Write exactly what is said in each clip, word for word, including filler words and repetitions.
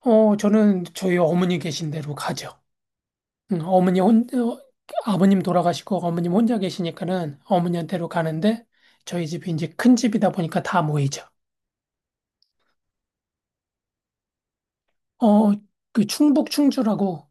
어, 저는 저희 어머니 계신 데로 가죠. 음, 어머니 혼, 어, 아버님 돌아가시고 어머님 혼자 계시니까는 어머니한테로 가는데, 저희 집이 이제 큰 집이다 보니까 다 모이죠. 어, 그 충북 충주라고.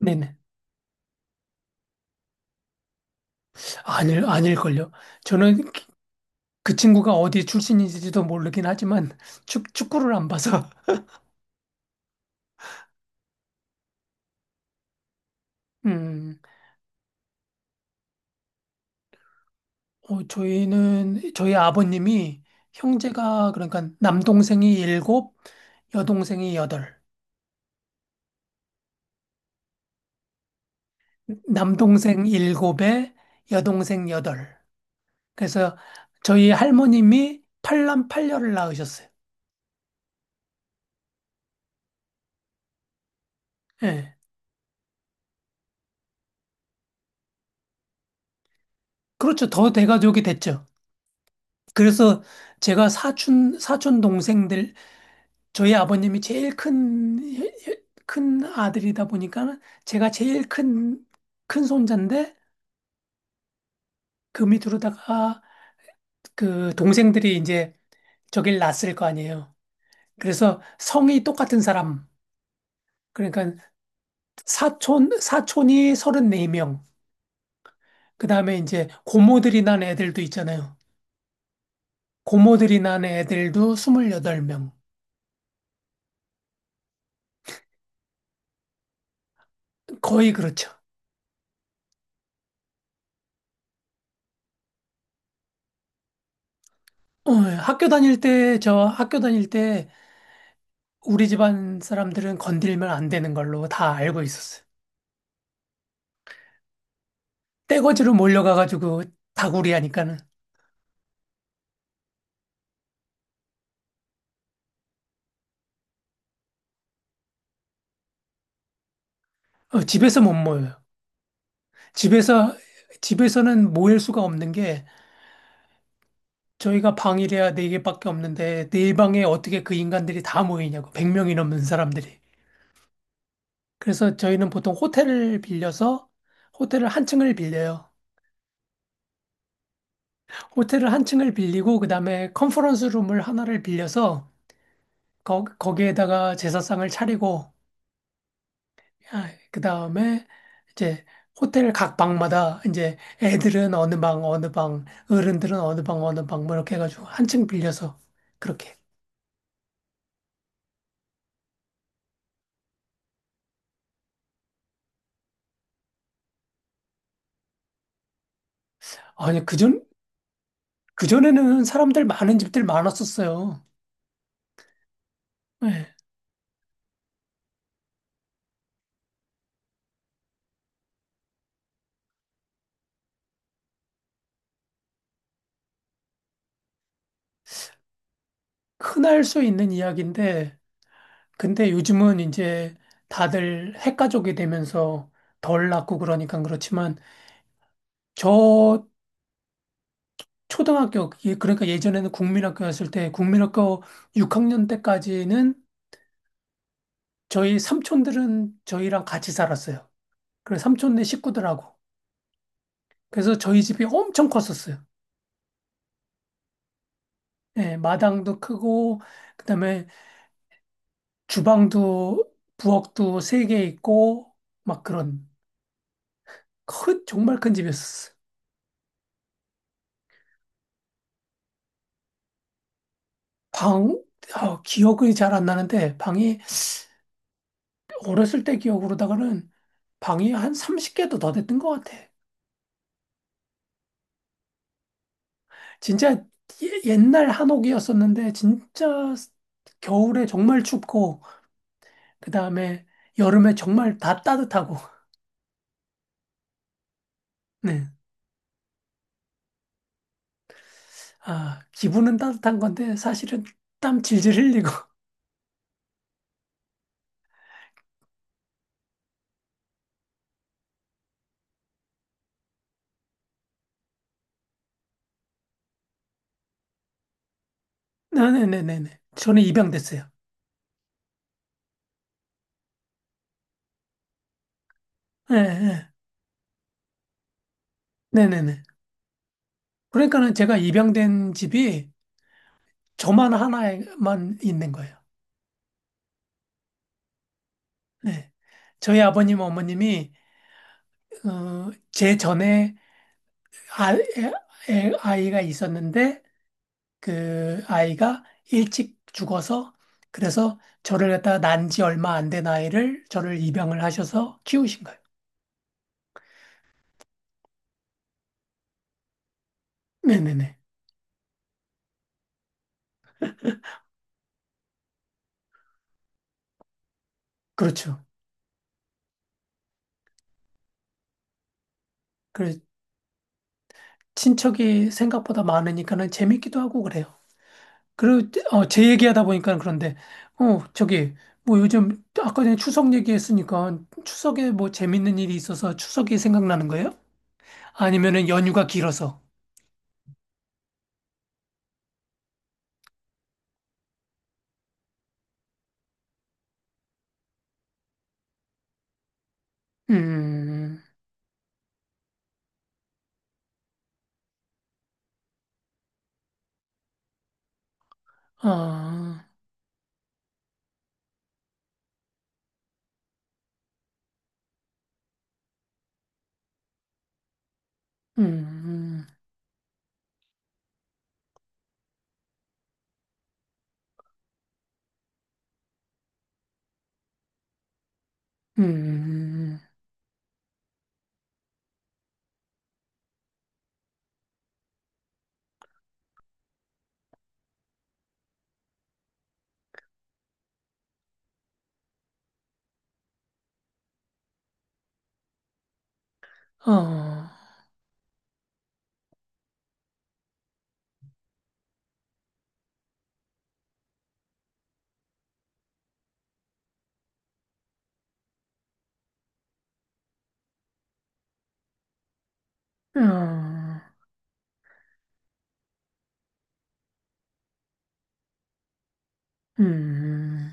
네네. 아닐, 아닐걸요. 저는, 그, 그 친구가 어디 출신인지도 모르긴 하지만 축, 축구를 안 봐서. 음, 어, 저희는, 저희 아버님이 형제가, 그러니까 남동생이 일곱, 여동생이 여덟. 남동생 일곱에 여동생 여덟. 그래서 저희 할머님이 팔남 팔녀를 낳으셨어요. 예. 그렇죠. 더 대가족이 됐죠. 그래서 제가 사촌, 사촌 동생들, 저희 아버님이 제일 큰, 큰 아들이다 보니까 제가 제일 큰, 큰 손자인데, 그 밑으로다가 그 동생들이 이제 저길 낳았을 거 아니에요. 그래서 성이 똑같은 사람. 그러니까 사촌, 사촌이 서른네 명. 그 다음에 이제 고모들이 난 애들도 있잖아요. 고모들이 난 애들도 스물여덟 명. 거의 그렇죠. 어, 학교 다닐 때, 저 학교 다닐 때 우리 집안 사람들은 건들면 안 되는 걸로 다 알고 있었어요. 떼거지로 몰려가가지고 다구리 하니까는. 어, 집에서 못 모여요. 집에서, 집에서는 모일 수가 없는 게, 저희가 방이래야 네개밖에 없는데 네 방에 어떻게 그 인간들이 다 모이냐고. 백 명이 넘는 사람들이. 그래서 저희는 보통 호텔을 빌려서, 호텔을 한 층을 빌려요. 호텔을 한 층을 빌리고 그다음에 컨퍼런스 룸을 하나를 빌려서 거, 거기에다가 제사상을 차리고. 아, 그다음에 이제 호텔 각 방마다 이제 애들은 어느 방 어느 방, 어른들은 어느 방 어느 방, 뭐 이렇게 해가지고 한 층 빌려서 그렇게. 아니, 그전 그전에는 사람들 많은 집들 많았었어요. 네. 흔할 수 있는 이야기인데 근데 요즘은 이제 다들 핵가족이 되면서 덜 낳고 그러니까 그렇지만, 저 초등학교 예, 그러니까 예전에는 국민학교였을 때, 국민학교 육 학년 때까지는 저희 삼촌들은 저희랑 같이 살았어요. 그래서 삼촌네 식구들하고. 그래서 저희 집이 엄청 컸었어요. 예, 마당도 크고 그다음에 주방도 부엌도 세 개 있고 막 그런, 큰 정말 큰 집이었어요. 방, 어, 기억이 잘 안 나는데, 방이, 어렸을 때 기억으로다가는 방이 한 서른 개도 더 됐던 것 같아. 진짜 예- 옛날 한옥이었었는데, 진짜 겨울에 정말 춥고, 그 다음에 여름에 정말 다 따뜻하고, 네. 아, 기분은 따뜻한 건데, 사실은 땀 질질 흘리고. 네네네네. 저는 입양됐어요. 예, 예. 네네네. 그러니까는 제가 입양된 집이 저만 하나만 있는 거예요. 네. 저희 아버님, 어머님이, 어, 제 전에 아, 에- 에- 아이가 있었는데, 그 아이가 일찍 죽어서, 그래서 저를 갖다가 난 지 얼마 안 된 아이를 저를 입양을 하셔서 키우신 거예요. 네네네. 그렇죠. 그래, 친척이 생각보다 많으니까는 재밌기도 하고 그래요. 그리고, 어, 제 얘기하다 보니까 그런데, 어, 저기, 뭐 요즘, 아까 전에 추석 얘기했으니까, 추석에 뭐 재밌는 일이 있어서 추석이 생각나는 거예요? 아니면은 연휴가 길어서. 음, 아, 음, 음, 아. 음, 어, 어, 음.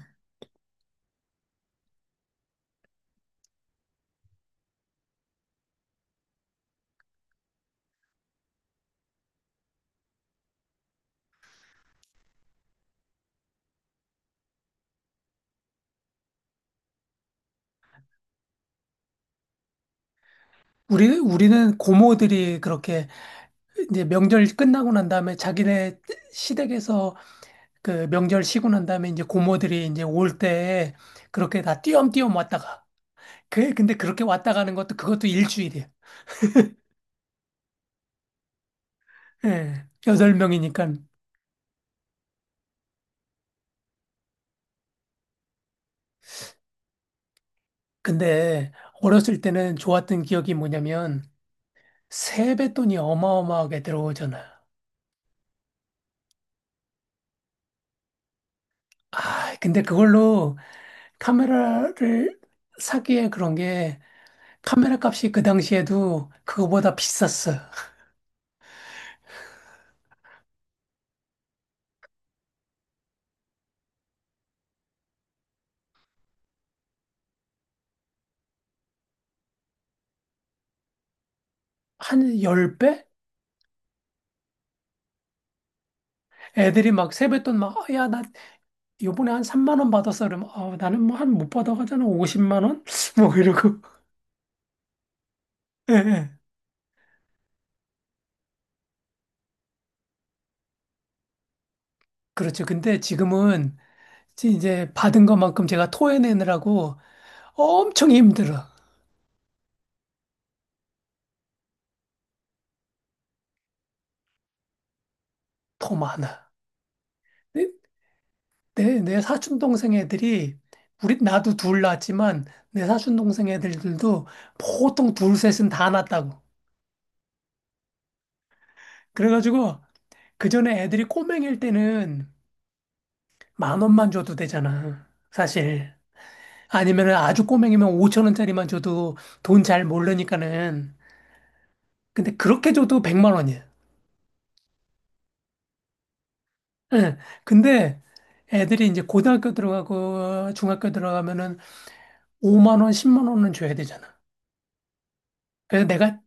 우리, 우리는 고모들이 그렇게 이제 명절 끝나고 난 다음에 자기네 시댁에서 그 명절 쉬고 난 다음에 이제 고모들이 이제 올 때 그렇게 다 띄엄띄엄 왔다가. 그, 근데 그렇게 왔다 가는 것도 그것도 일주일이에요. 예. 여덟 명이니까. 근데 어렸을 때는 좋았던 기억이 뭐냐면, 세뱃돈이 어마어마하게 들어오잖아요. 아, 근데 그걸로 카메라를 사기에 그런 게, 카메라 값이 그 당시에도 그거보다 비쌌어요. 한 열 배? 애들이 막 세뱃돈 막, 어, 야, 나 요번에 한 3만 원 받았어. 그러면, 어, 나는 뭐 한 못 받아가잖아. 50만 원? 뭐 이러고. 예, 예. 그렇죠. 근데 지금은 지- 이제 받은 것만큼 제가 토해내느라고 엄청 힘들어. 더 많아. 내, 내 사촌 동생 애들이, 우리 나도 둘 낳았지만 내 사촌 동생 애들들도 보통 둘 셋은 다 낳았다고. 그래가지고 그 전에 애들이 꼬맹일 때는 만 원만 줘도 되잖아. 사실. 아니면 아주 꼬맹이면 오천 원짜리만 줘도 돈 잘 모르니까는. 근데 그렇게 줘도 백만 원이야. 응. 근데 애들이 이제 고등학교 들어가고 중학교 들어가면은 오만 원, 십만 원은 줘야 되잖아. 그래서 내가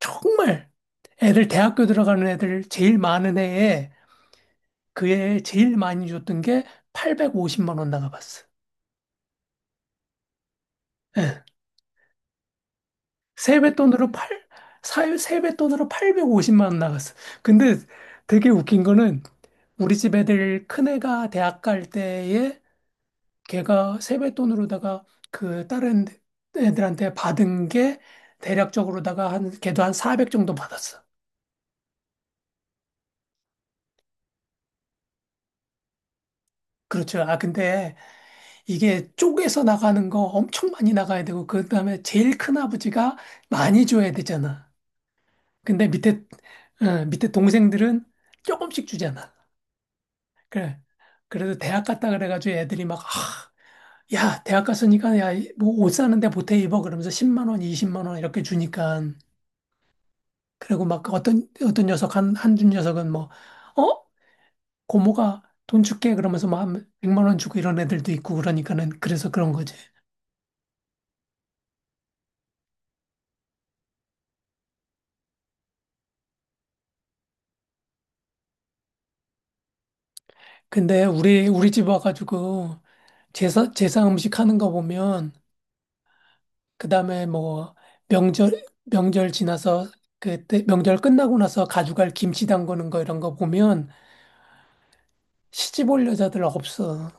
정말 애들 대학교 들어가는 애들 제일 많은 해에, 그 해에 제일 많이 줬던 게 850만 원 나가봤어. 예. 세뱃돈으로 팔, 사유 세뱃돈으로 850만 원 나갔어. 근데 되게 웃긴 거는, 우리 집 애들 큰애가 대학 갈 때에 걔가 세뱃돈으로다가 그 다른 애들한테 받은 게 대략적으로다가 한, 걔도 한 사백 정도 받았어. 그렇죠. 아, 근데 이게 쪼개서 나가는 거 엄청 많이 나가야 되고, 그 다음에 제일 큰 아버지가 많이 줘야 되잖아. 근데 밑에, 어, 밑에 동생들은 조금씩 주잖아. 그래. 그래도 대학 갔다 그래가지고 애들이 막, 아, 야, 대학 갔으니까, 야, 뭐 옷 사는데 보태 입어. 그러면서 10만 원, 20만 원 이렇게 주니까. 그리고 막 어떤, 어떤 녀석, 한, 한준 녀석은 뭐, 어? 고모가 돈 줄게. 그러면서 막 100만 원 주고 이런 애들도 있고 그러니까는 그래서 그런 거지. 근데 우리 우리 집 와가지고 제사 제사 음식 하는 거 보면, 그다음에 뭐 명절 명절 지나서 그때 명절 끝나고 나서 가져갈 김치 담그는 거 이런 거 보면 시집 올 여자들 없어.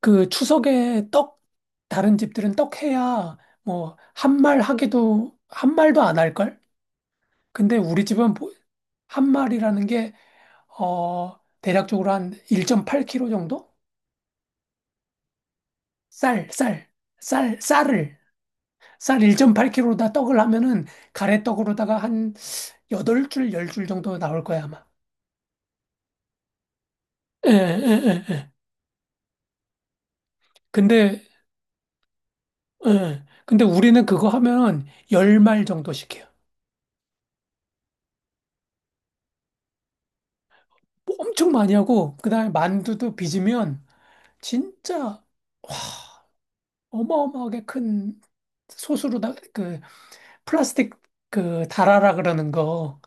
그 추석에 떡, 다른 집들은 떡 해야 뭐 한 말 하기도, 한 말도 안 할 걸? 근데 우리 집은 보- 한 말이라는 게, 어 대략적으로 한 일 점 팔 킬로그램 정도? 쌀, 쌀, 쌀, 쌀을 쌀 일 점 팔 킬로그램으로다 떡을 하면은 가래떡으로다가 한 여덟 줄, 열 줄 정도 나올 거야, 아마. 예, 예, 예, 예. 근데, 예. 근데 우리는 그거 하면 열 말 정도씩 해요. 뭐 엄청 많이 하고, 그 다음에 만두도 빚으면 진짜 어마어마하게 큰 소스로다, 그, 플라스틱, 그, 달아라 그러는 거,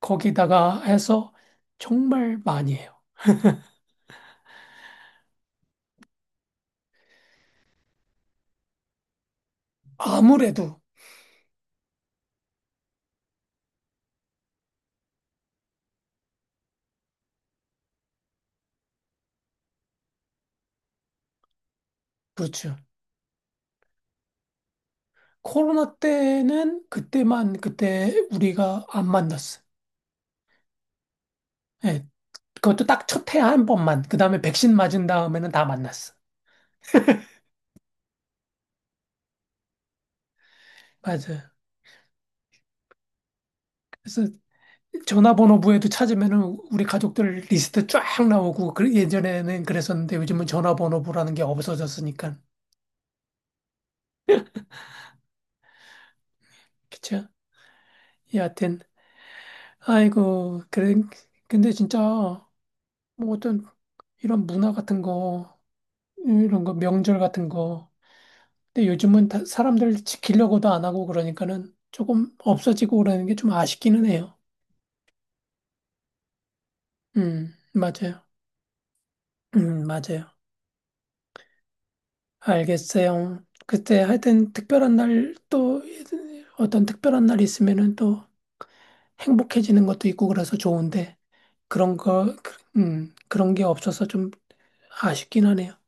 거기다가 해서 정말 많이 해요. 아무래도, 그렇죠. 코로나 때는 그때만 그때 우리가 안 만났어. 예, 그것도 딱 첫 해 한 번만. 그 다음에 백신 맞은 다음에는 다 만났어. 맞아. 그래서 전화번호부에도 찾으면은 우리 가족들 리스트 쫙 나오고, 그 예전에는 그랬었는데 요즘은 전화번호부라는 게 없어졌으니까. 그쵸? 여하튼 아이고, 그래. 근데 진짜 뭐 어떤 이런 문화 같은 거, 이런 거 명절 같은 거, 근데 요즘은 다- 사람들 지키려고도 안 하고 그러니까는 조금 없어지고 그러는 게 좀 아쉽기는 해요. 음, 맞아요. 음, 맞아요. 알겠어요. 그때 하여튼 특별한 날, 또 어떤 특별한 날 있으면은 또 행복해지는 것도 있고 그래서 좋은데, 그런 거, 그- 음, 그런 게 없어서 좀 아쉽긴 하네요.